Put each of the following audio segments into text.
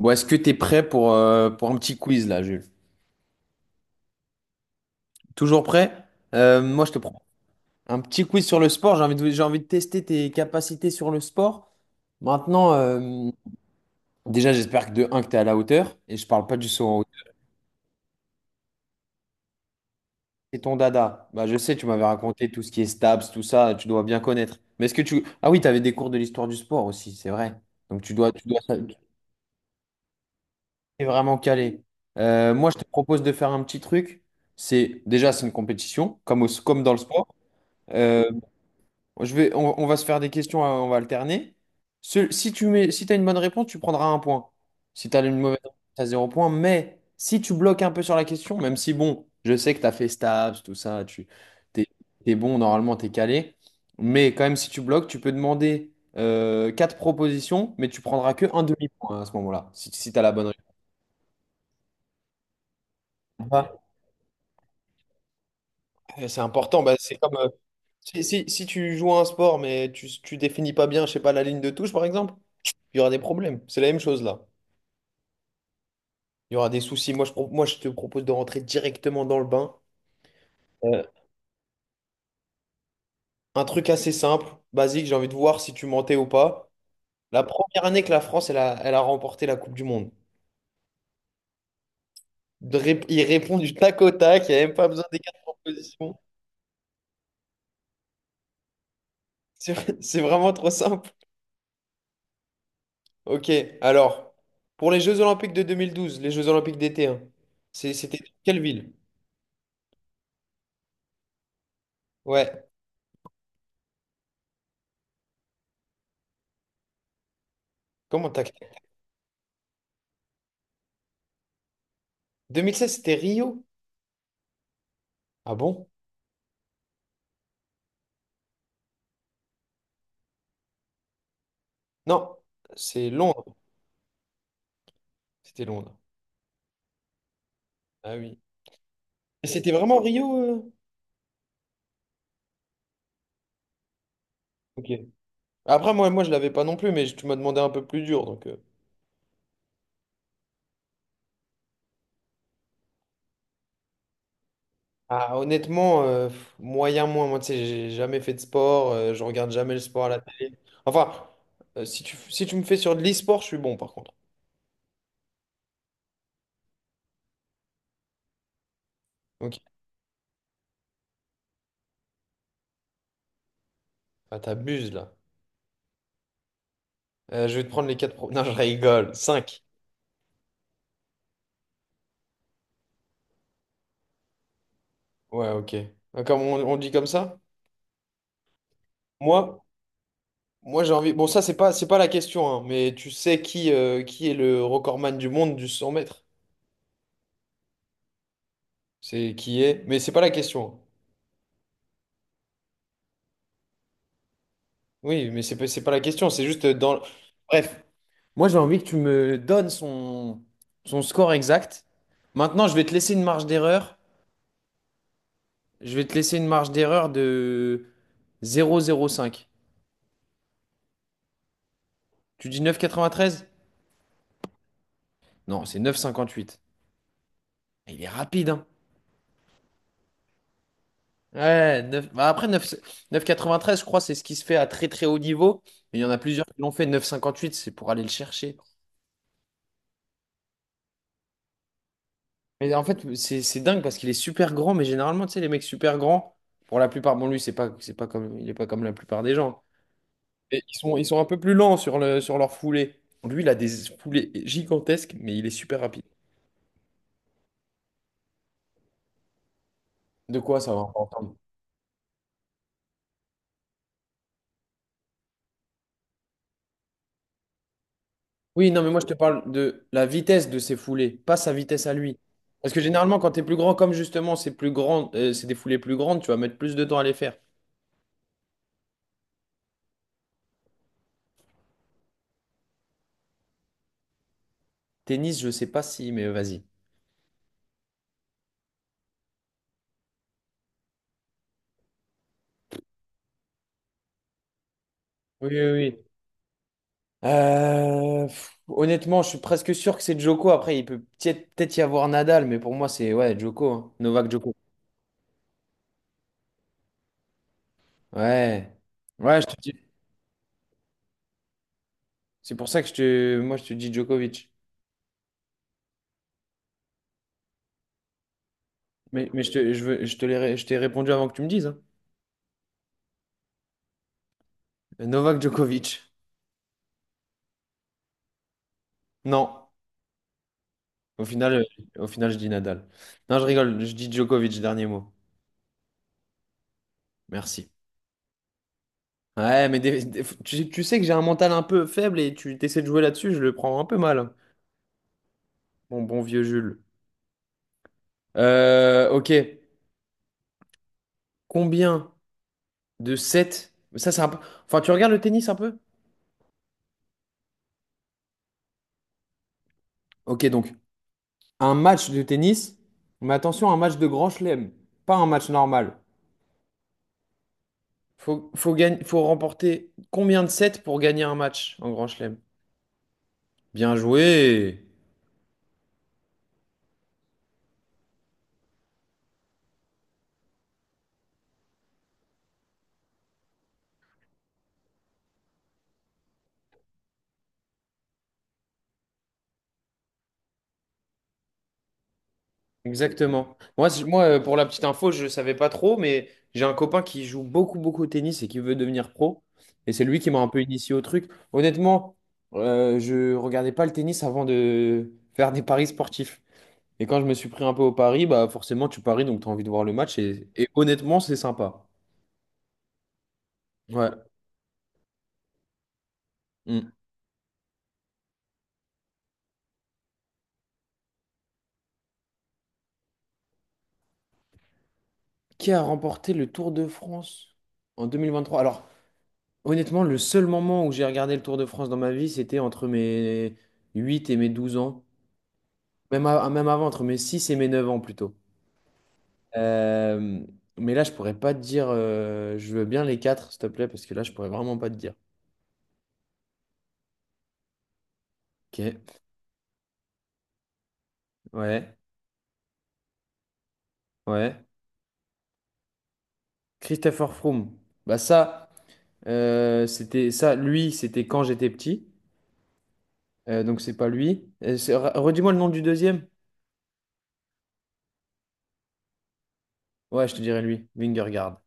Bon, est-ce que t'es prêt pour un petit quiz là, Jules? Toujours prêt? Moi, je te prends. Un petit quiz sur le sport. J'ai envie de tester tes capacités sur le sport. Maintenant, déjà, j'espère que de un que t'es à la hauteur. Et je parle pas du saut en hauteur. C'est ton dada. Bah, je sais, tu m'avais raconté tout ce qui est stabs, tout ça. Tu dois bien connaître. Mais est-ce que tu. Ah oui, t'avais des cours de l'histoire du sport aussi, c'est vrai. Donc, tu es vraiment calé. Moi, je te propose de faire un petit truc. C'est déjà, c'est une compétition, comme, comme dans le sport. Euh, on va se faire des questions, on va alterner. Si tu mets, si t'as une bonne réponse, tu prendras un point. Si tu as une mauvaise réponse, tu as zéro point. Mais si tu bloques un peu sur la question, même si bon, je sais que tu as fait Stabs, tout ça, t'es, t'es bon, normalement, tu es calé. Mais quand même, si tu bloques, tu peux demander quatre propositions, mais tu prendras que un demi-point à ce moment-là, si tu as la bonne réponse. Ah, c'est important, bah, c'est comme si tu joues à un sport mais tu définis pas bien, je sais pas, la ligne de touche par exemple, il y aura des problèmes. C'est la même chose là. Il y aura des soucis. Moi, je te propose de rentrer directement dans le bain. Euh, un truc assez simple, basique, j'ai envie de voir si tu mentais ou pas. La première année que la France, elle a remporté la Coupe du Monde. Il répond du tac au tac, il n'y a même pas besoin des quatre propositions. C'est c'est vraiment trop simple. Ok, alors, pour les Jeux Olympiques de 2012, les Jeux Olympiques d'été, hein, c'était quelle ville? Ouais, comment tac? 2016, c'était Rio? Ah bon? Non, c'est Londres. C'était Londres. Ah oui. Et c'était vraiment Rio? euh Ok. Après, moi je l'avais pas non plus, mais tu m'as demandé un peu plus dur. Donc. Ah, honnêtement, pff, moyen moins. Moi, tu sais, j'ai jamais fait de sport, je regarde jamais le sport à la télé. Enfin, si tu me fais sur de l'e-sport, je suis bon par contre. Ok. Ah, t'abuses là. Je vais te prendre les quatre Non, je rigole. 5. Ouais, ok. Ah, comme on dit comme ça? Moi, moi j'ai envie. Bon, ça, c'est pas la question, hein, mais tu sais qui est le recordman du monde du 100 mètres? C'est qui est. Mais c'est pas la question. Hein. Oui, mais c'est pas la question, c'est juste dans. Bref, moi j'ai envie que tu me donnes son score exact. Maintenant, je vais te laisser une marge d'erreur. Je vais te laisser une marge d'erreur de 0,05. Tu dis 9,93? Non, c'est 9,58. Il est rapide, hein. Ouais, 9, bah après vingt treize je crois, c'est ce qui se fait à très très haut niveau. Mais il y en a plusieurs qui l'ont fait. 9,58. C'est pour aller le chercher. Mais en fait, c'est dingue parce qu'il est super grand, mais généralement, tu sais, les mecs super grands, pour la plupart, bon, lui, c'est pas comme, il est pas comme la plupart des gens. Et ils sont un peu plus lents sur sur leur foulée. Lui, il a des foulées gigantesques, mais il est super rapide. De quoi ça, on va entendre? Oui, non, mais moi, je te parle de la vitesse de ses foulées, pas sa vitesse à lui. Parce que généralement, quand t'es plus grand, comme justement, c'est plus grand, c'est des foulées plus grandes, tu vas mettre plus de temps à les faire. Tennis, je sais pas si, mais vas-y. Oui, oui, oui. Pff, honnêtement, je suis presque sûr que c'est Djoko. Après, il peut peut-être y avoir Nadal, mais pour moi, c'est ouais, Djoko, hein. Novak Djoko. Ouais. Ouais, je te dis. C'est pour ça que moi, je te dis Djokovic. Mais, je te, je veux- je te l'ai ré- je t'ai répondu avant que tu me dises. Hein. Novak Djokovic. Non. Au final, euh, au final, je dis Nadal. Non, je rigole. Je dis Djokovic, dernier mot. Merci. Ouais, mais tu sais que j'ai un mental un peu faible et tu essaies de jouer là-dessus, je le prends un peu mal. Bon, bon vieux Jules. Ok. Combien de sets? Ça, c'est un peu. Enfin, tu regardes le tennis un peu? Ok, donc, un match de tennis, mais attention, un match de grand chelem, pas un match normal. Faut remporter combien de sets pour gagner un match en grand chelem? Bien joué! Exactement. Moi, pour la petite info, je savais pas trop, mais j'ai un copain qui joue beaucoup, beaucoup au tennis et qui veut devenir pro. Et c'est lui qui m'a un peu initié au truc. Honnêtement, je regardais pas le tennis avant de faire des paris sportifs. Et quand je me suis pris un peu au pari, bah forcément tu paries, donc tu as envie de voir le match. Et honnêtement, c'est sympa. Ouais. Mm. Qui a remporté le Tour de France en 2023? Alors, honnêtement, le seul moment où j'ai regardé le Tour de France dans ma vie, c'était entre mes 8 et mes 12 ans. Même, même avant, entre mes 6 et mes 9 ans plutôt. Euh, mais là, je pourrais pas te dire, je veux bien les quatre, s'il te plaît, parce que là, je pourrais vraiment pas te dire. Ok. Ouais. Ouais. Christopher Froome. Bah ça, c'était ça, lui, c'était quand j'étais petit. Donc c'est pas lui. Redis-moi le nom du deuxième. Ouais, je te dirai lui. Vingegaard.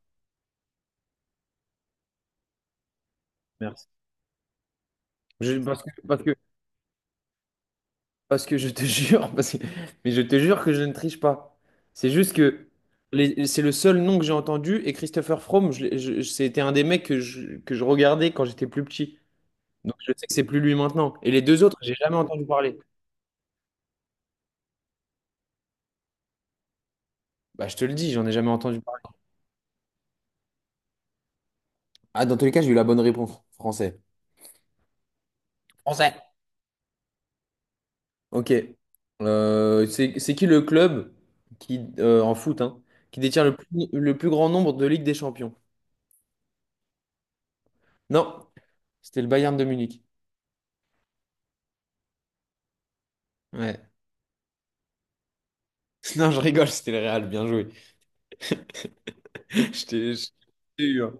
Merci. Je- parce que, parce que, parce que je te jure, mais je te jure que je ne triche pas. C'est juste que c'est le seul nom que j'ai entendu et Christopher Froome, c'était un des mecs que je regardais quand j'étais plus petit. Donc je sais que c'est plus lui maintenant. Et les deux autres, j'ai jamais entendu parler. Bah je te le dis, j'en ai jamais entendu parler. Ah, dans tous les cas, j'ai eu la bonne réponse. Français. Français. Ok. C'est qui le club qui, en foot, hein, qui détient le plus grand nombre de Ligue des Champions? Non, c'était le Bayern de Munich. Ouais. Non, je rigole, c'était le Real, bien joué. Je t'ai eu. Hein.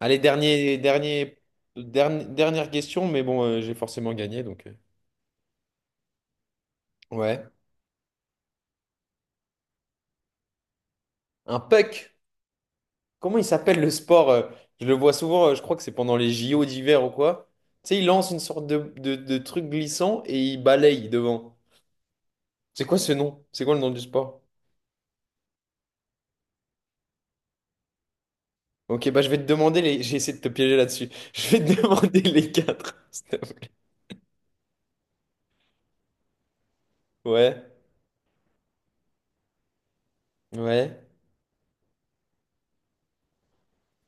Allez, dernière question, mais bon, j'ai forcément gagné, donc. Ouais. Un puck. Comment il s'appelle le sport? Je le vois souvent, je crois que c'est pendant les JO d'hiver ou quoi. Tu sais, il lance une sorte de truc glissant et il balaye devant. C'est quoi ce nom? C'est quoi le nom du sport? Ok, bah je vais te demander les. J'ai essayé de te piéger là-dessus. Je vais te demander les quatre. Ouais, ouais,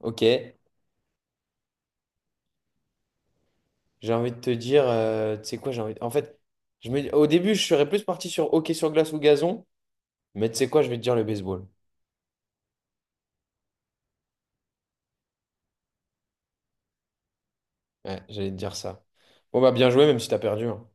ok. J'ai envie de te dire, tu sais quoi, j'ai envie. En fait, au début, je serais plus parti sur hockey sur glace ou gazon, mais tu sais quoi, je vais te dire le baseball. Ouais, j'allais te dire ça. Bon, bah bien joué, même si t'as perdu. Hein.